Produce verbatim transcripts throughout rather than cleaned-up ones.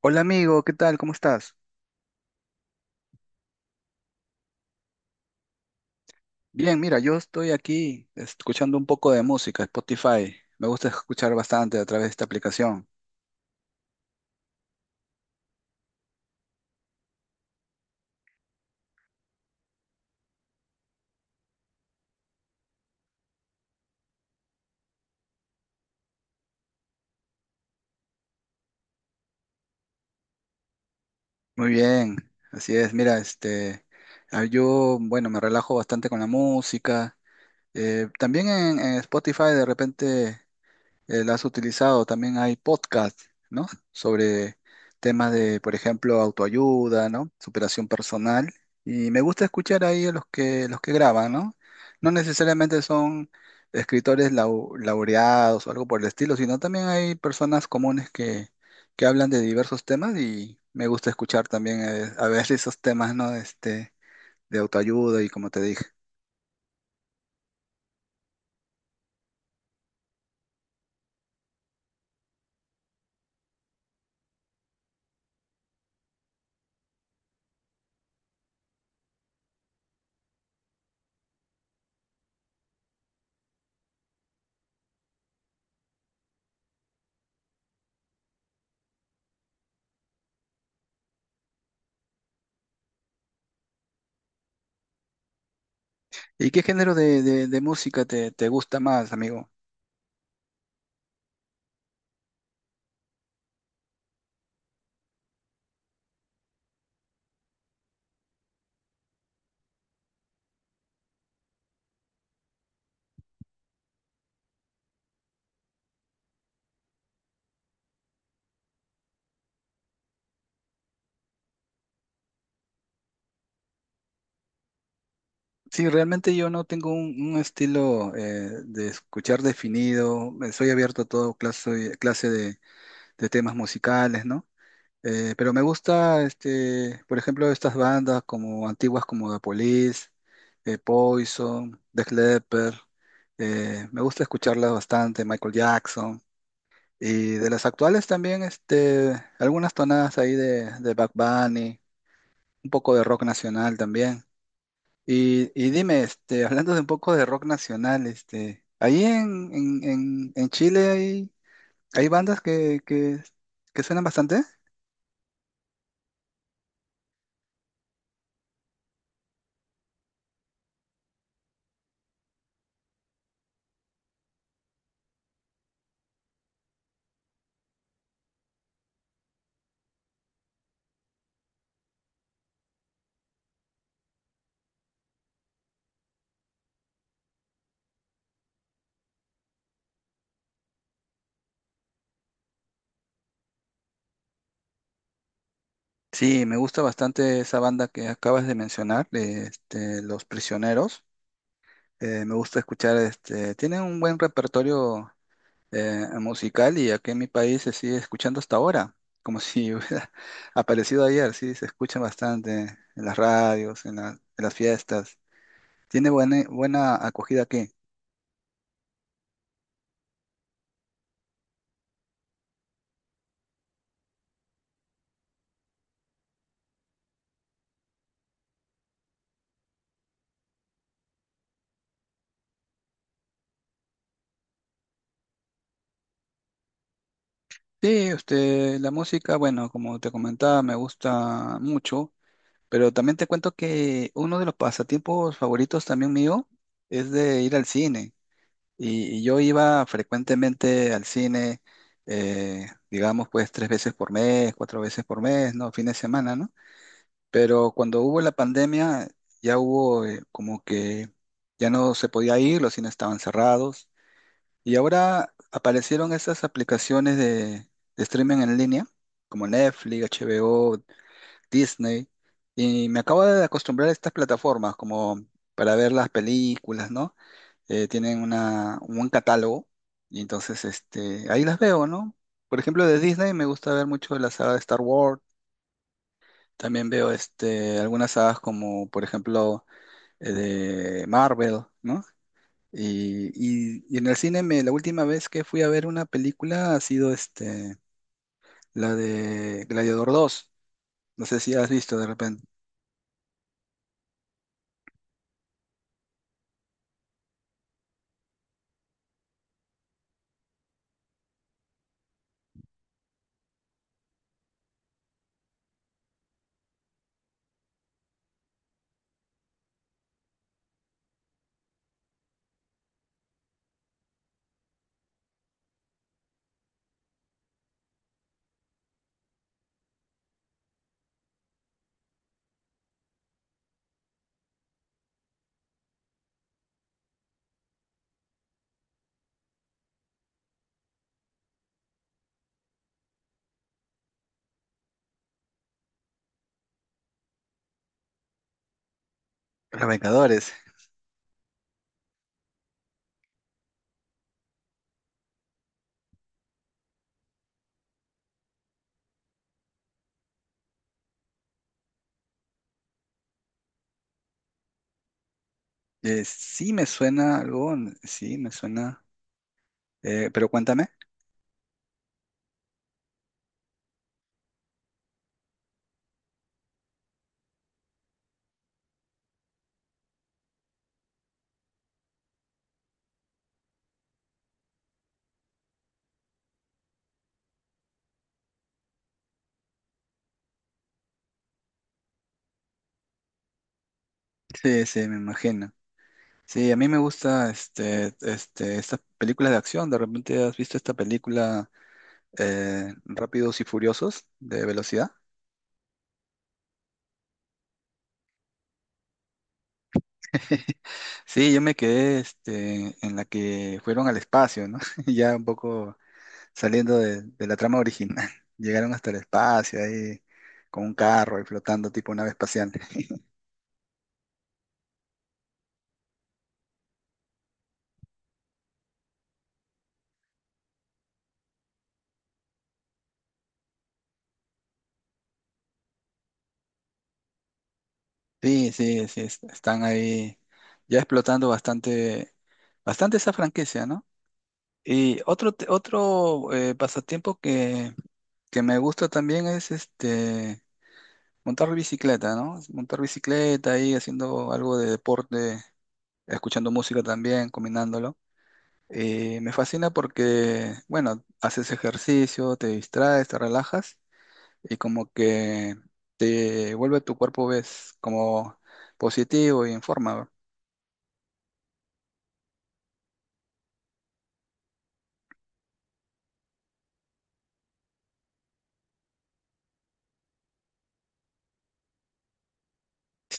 Hola amigo, ¿qué tal? ¿Cómo estás? Bien, mira, yo estoy aquí escuchando un poco de música, Spotify. Me gusta escuchar bastante a través de esta aplicación. Muy bien, así es. Mira, este, ah, yo, bueno, me relajo bastante con la música. Eh, también en, en Spotify de repente eh, la has utilizado. También hay podcasts, ¿no? Sobre temas de, por ejemplo, autoayuda, ¿no? Superación personal. Y me gusta escuchar ahí a los que, los que graban, ¿no? No necesariamente son escritores lau- laureados o algo por el estilo, sino también hay personas comunes que, que hablan de diversos temas y me gusta escuchar también eh, a veces esos temas, ¿no? Este, de autoayuda y como te dije. ¿Y qué género de, de- de música te, te gusta más, amigo? Sí, realmente yo no tengo un, un estilo eh, de escuchar definido, eh, soy abierto a todo clase, clase de, de temas musicales, ¿no? Eh, pero me gusta, este, por ejemplo, estas bandas como antiguas como The Police, eh, Poison, Def Leppard, eh, me gusta escucharlas bastante, Michael Jackson, y de las actuales también, este, algunas tonadas ahí de, de Bad Bunny, un poco de rock nacional también. Y, y dime, este, hablando de un poco de rock nacional, este, ahí en, en, en, en Chile hay, hay bandas que, que, que suenan bastante. Sí, me gusta bastante esa banda que acabas de mencionar, de, este, Los Prisioneros. Eh, me gusta escuchar, este, tienen un buen repertorio eh, musical y aquí en mi país se sigue escuchando hasta ahora, como si hubiera aparecido ayer, sí, se escucha bastante en las radios, en la- en las fiestas. Tiene buena, buena acogida aquí. Sí, este, la música, bueno, como te comentaba, me gusta mucho, pero también te cuento que uno de los pasatiempos favoritos también mío es de ir al cine. Y, y yo iba frecuentemente al cine, eh, digamos, pues tres veces por mes, cuatro veces por mes, ¿no? Fin de semana, ¿no? Pero cuando hubo la pandemia, ya hubo eh, como que ya no se podía ir, los cines estaban cerrados. Y ahora aparecieron esas aplicaciones de, de streaming en línea, como Netflix, H B O, Disney, y me acabo de acostumbrar a estas plataformas como para ver las películas, ¿no? Eh, tienen una, un buen catálogo, y entonces este, ahí las veo, ¿no? Por ejemplo, de Disney me gusta ver mucho la saga de Star Wars, también veo este, algunas sagas como, por ejemplo, eh, de Marvel, ¿no? Y, y- y en el cine me, la última vez que fui a ver una película ha sido este, la de Gladiador dos. No sé si has visto de repente. Los Vengadores. Eh, sí me suena algo, sí me suena. Eh, pero cuéntame. Sí, sí, me imagino. Sí, a mí me gusta este, este, estas películas de acción. ¿De repente has visto esta película eh, Rápidos y Furiosos de velocidad? Sí, yo me quedé este, en la que fueron al espacio, ¿no? Ya un poco saliendo de, de la trama original. Llegaron hasta el espacio, ahí con un carro ahí flotando tipo nave espacial. Sí, sí, sí, es- están ahí ya explotando bastante, bastante esa franquicia, ¿no? Y otro, te- otro eh, pasatiempo que, que me gusta también es este montar bicicleta, ¿no? Montar bicicleta ahí haciendo algo de deporte, escuchando música también, combinándolo. Eh, me fascina porque, bueno, haces ejercicio, te distraes, te relajas y como que te vuelve tu cuerpo, ves, como positivo y en forma, ¿no?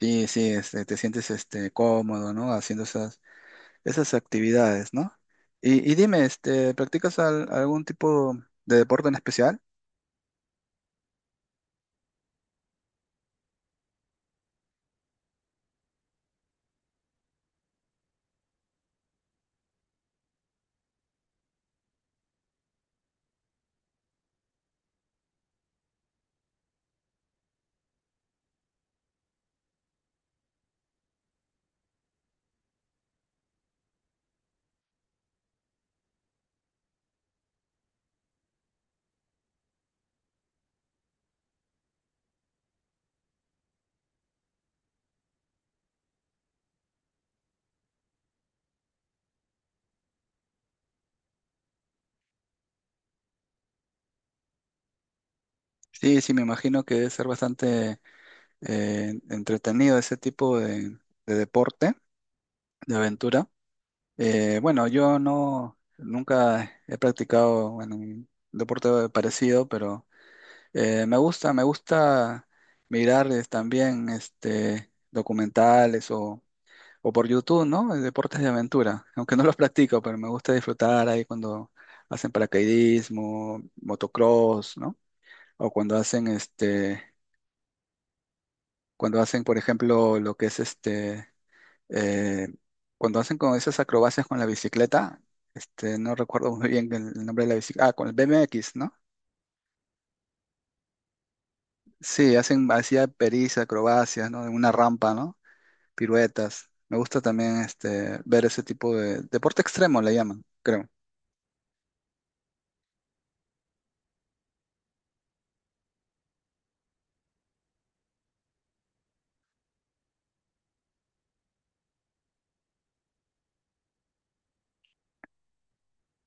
Sí, sí, este, te sientes este, cómodo, ¿no? Haciendo esas, esas actividades, ¿no? Y, y dime, este, ¿practicas al- algún tipo de deporte en especial? Sí, sí, me imagino que debe ser bastante eh, entretenido ese tipo de de deporte, de aventura. Eh, bueno, yo no nunca he practicado bueno, un deporte parecido, pero eh, me gusta, me gusta mirar eh, también este documentales o, o por YouTube, ¿no? Eh, Deportes de aventura, aunque no los practico, pero me gusta disfrutar ahí cuando hacen paracaidismo, motocross, ¿no? O cuando hacen este, cuando hacen, por ejemplo, lo que es este eh, cuando hacen con esas acrobacias con la bicicleta, este, no recuerdo muy bien el, el nombre de la bicicleta, ah, con el B M X, ¿no? Sí, hacen, hacía pericias, acrobacias, ¿no? En una rampa, ¿no? Piruetas. Me gusta también este, ver ese tipo de deporte extremo, le llaman, creo.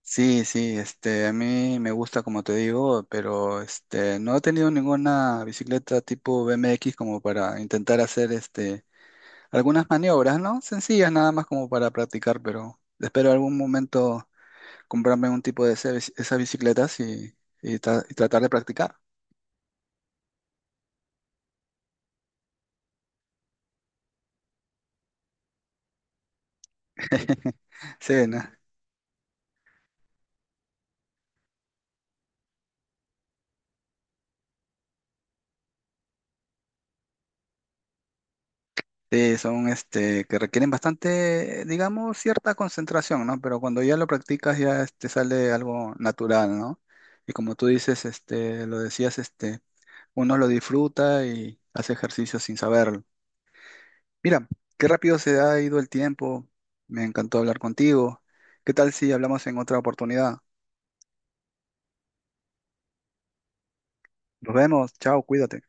Sí, sí, este, a mí me gusta, como te digo, pero este, no he tenido ninguna bicicleta tipo B M X como para intentar hacer este, algunas maniobras, ¿no? Sencillas nada más como para practicar, pero espero algún momento comprarme un tipo de ese- esas bicicletas y, y tra- y tratar de practicar. Sí, ¿no? Sí, son este, que requieren bastante, digamos, cierta concentración, ¿no? Pero cuando ya lo practicas ya este, sale algo natural, ¿no? Y como tú dices, este, lo decías, este, uno lo disfruta y hace ejercicio sin saberlo. Mira, qué rápido se ha ido el tiempo. Me encantó hablar contigo. ¿Qué tal si hablamos en otra oportunidad? Nos vemos. Chao, cuídate.